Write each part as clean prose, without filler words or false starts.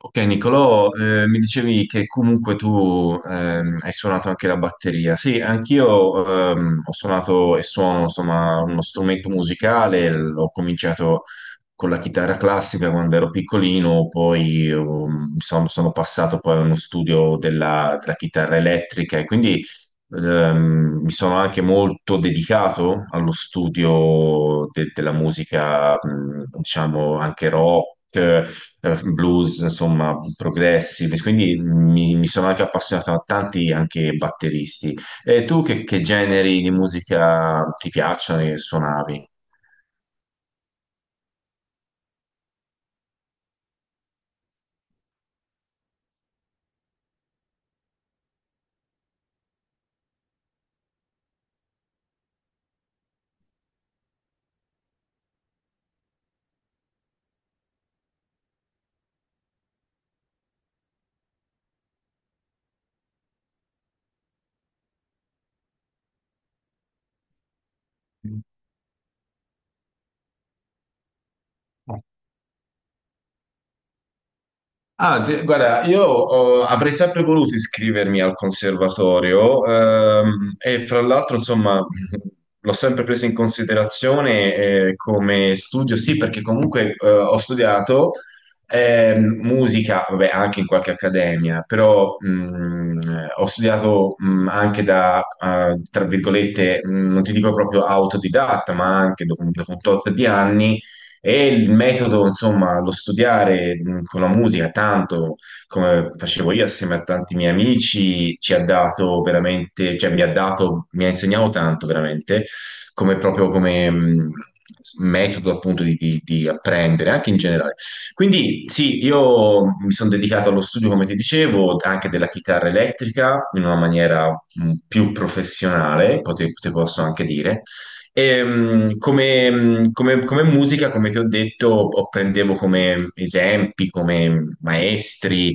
Ok, Nicolò, mi dicevi che comunque tu hai suonato anche la batteria. Sì, anch'io ho suonato e suono, insomma, uno strumento musicale. Ho cominciato con la chitarra classica quando ero piccolino, poi sono passato poi a uno studio della chitarra elettrica e quindi mi sono anche molto dedicato allo studio della musica, diciamo, anche rock, blues, insomma, progressi, quindi mi sono anche appassionato a tanti anche batteristi. E tu che generi di musica ti piacciono e suonavi? Ah, guarda, io oh, avrei sempre voluto iscrivermi al conservatorio e fra l'altro, insomma, l'ho sempre preso in considerazione come studio, sì, perché comunque ho studiato musica, vabbè, anche in qualche accademia, però ho studiato anche da, tra virgolette, non ti dico proprio autodidatta, ma anche dopo un tot di anni e il metodo, insomma, lo studiare con la musica, tanto come facevo io assieme a tanti miei amici, ci ha dato veramente, cioè mi ha dato, mi ha insegnato tanto veramente, come proprio come metodo appunto di apprendere, anche in generale. Quindi sì, io mi sono dedicato allo studio, come ti dicevo, anche della chitarra elettrica in una maniera più professionale, te posso anche dire e, come, come musica, come ti ho detto, prendevo come esempi, come maestri.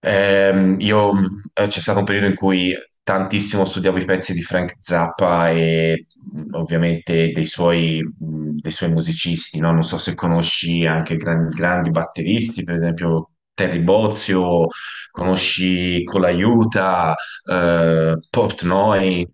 Io, c'è stato un periodo in cui tantissimo studiavo i pezzi di Frank Zappa e ovviamente dei suoi musicisti, no? Non so se conosci anche grandi batteristi, per esempio Terry Bozzio, conosci Colaiuta, Portnoy.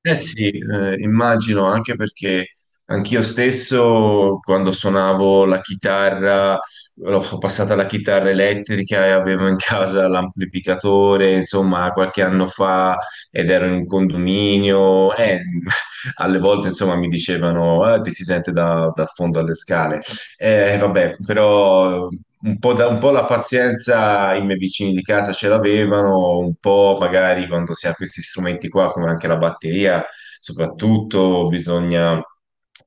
Eh sì, immagino anche perché anch'io stesso quando suonavo la chitarra, ho passata alla chitarra elettrica e avevo in casa l'amplificatore, insomma, qualche anno fa ed ero in un condominio e alle volte, insomma, mi dicevano, "Ah, ti si sente da fondo alle scale. Vabbè, però un po', un po' la pazienza i miei vicini di casa ce l'avevano, un po' magari quando si ha questi strumenti qua, come anche la batteria, soprattutto bisogna,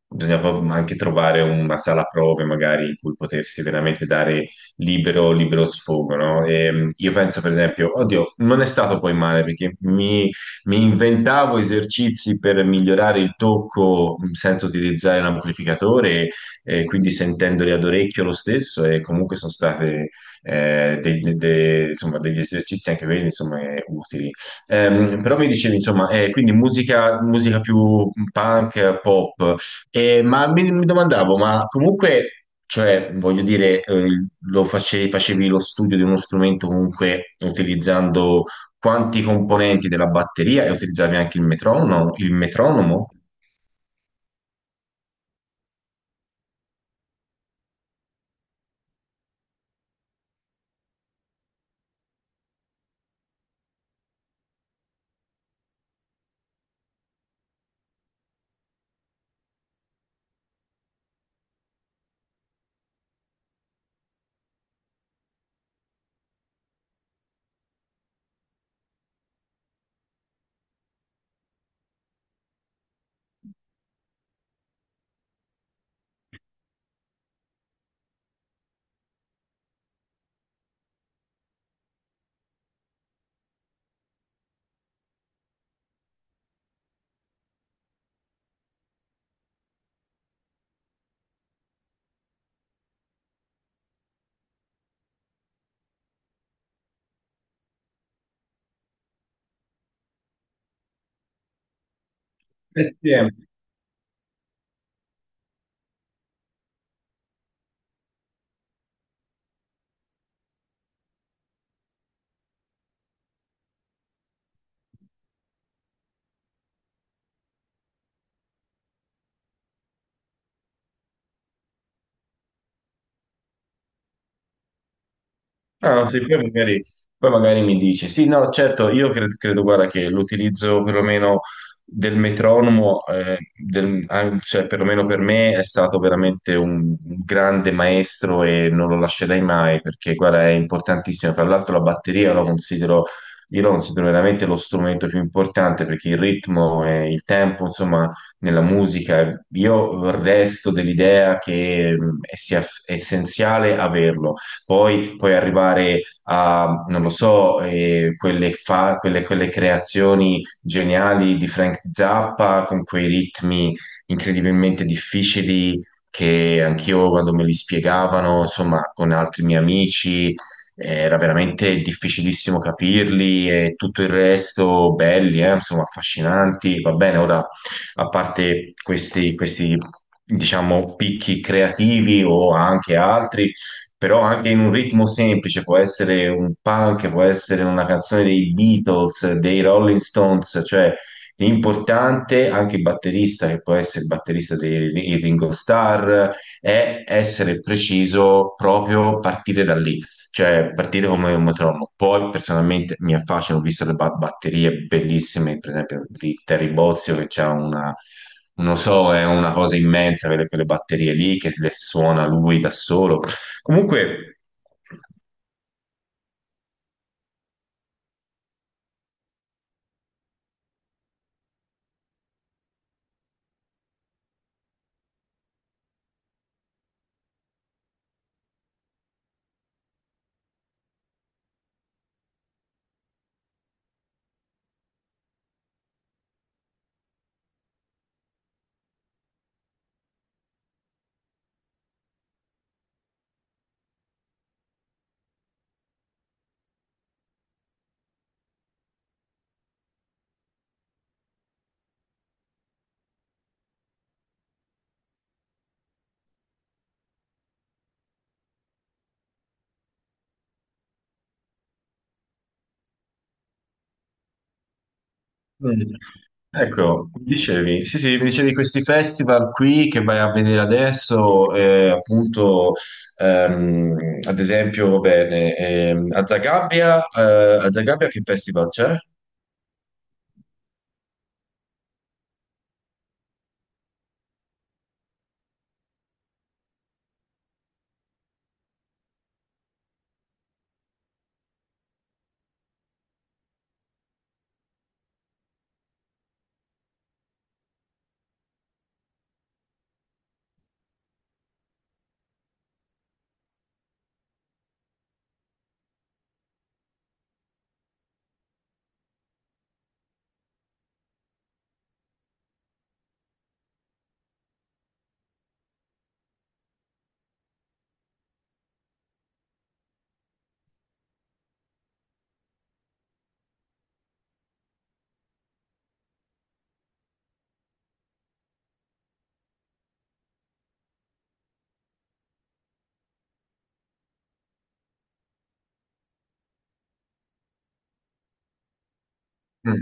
bisogna proprio anche trovare una sala prove magari in cui potersi veramente dare libero, libero sfogo, no? E, io penso per esempio, oddio, non è stato poi male perché mi inventavo esercizi per migliorare il tocco senza utilizzare l'amplificatore quindi sentendoli ad orecchio lo stesso e comunque sono state insomma, degli esercizi anche quelli insomma, utili. Però mi dicevi, insomma, quindi musica più punk, pop. Ma mi domandavo, ma comunque, cioè, voglio dire, lo facevi lo studio di uno strumento comunque utilizzando quanti componenti della batteria e utilizzavi anche il metronomo? Il metronomo? Ah, sì, poi magari mi dici, sì, no, certo, io credo, guarda, che l'utilizzo perlomeno del metronomo, cioè perlomeno per me è stato veramente un grande maestro e non lo lascerei mai perché, guarda, è importantissimo. Tra l'altro la batteria lo considero, io lo considero veramente lo strumento più importante perché il ritmo e il tempo, insomma, nella musica, io resto dell'idea che sia essenziale averlo. Poi puoi arrivare a, non lo so, quelle creazioni geniali di Frank Zappa con quei ritmi incredibilmente difficili che anch'io quando me li spiegavano, insomma, con altri miei amici, era veramente difficilissimo capirli e tutto il resto belli, insomma, affascinanti. Va bene, ora, a parte questi, diciamo, picchi creativi o anche altri, però anche in un ritmo semplice, può essere un punk, può essere una canzone dei Beatles, dei Rolling Stones, cioè l'importante, anche il batterista, che può essere il batterista dei il Ringo Starr, è essere preciso proprio partire da lì. Cioè, partire come un metronomo. Poi, personalmente, mi affascina, ho visto le batterie bellissime, per esempio, di Terry Bozzio, che c'ha una, non so, è una cosa immensa, quelle batterie lì, che le suona lui da solo. Comunque, mm, ecco, mi dicevi, sì, sì, mi dicevi di questi festival qui che vai a vedere adesso, appunto, ehm, ad esempio, va bene, a Zagabria che festival c'è? Mm.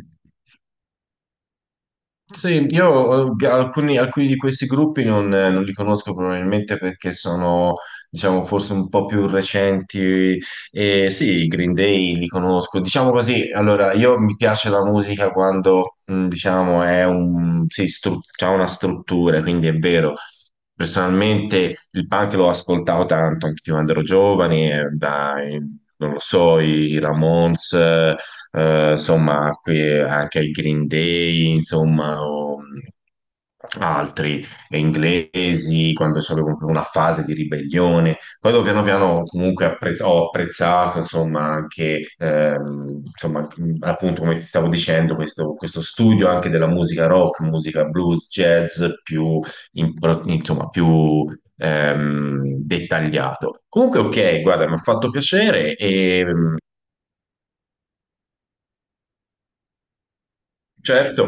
Sì, io alcuni di questi gruppi non li conosco probabilmente perché sono, diciamo, forse un po' più recenti. E sì, i Green Day li conosco. Diciamo così, allora, io mi piace la musica quando, diciamo, è un, sì, c'ha una struttura, quindi è vero. Personalmente il punk l'ho ascoltato tanto anche quando ero giovane, dai, non lo so, i Ramones, insomma, anche ai Green Day, insomma, o altri inglesi, quando c'è comunque una fase di ribellione. Poi dopo piano piano comunque ho apprezzato, insomma, anche, insomma, appunto come ti stavo dicendo, questo studio anche della musica rock, musica blues, jazz, più, insomma, più dettagliato. Comunque, ok, guarda, mi ha fatto piacere e certo.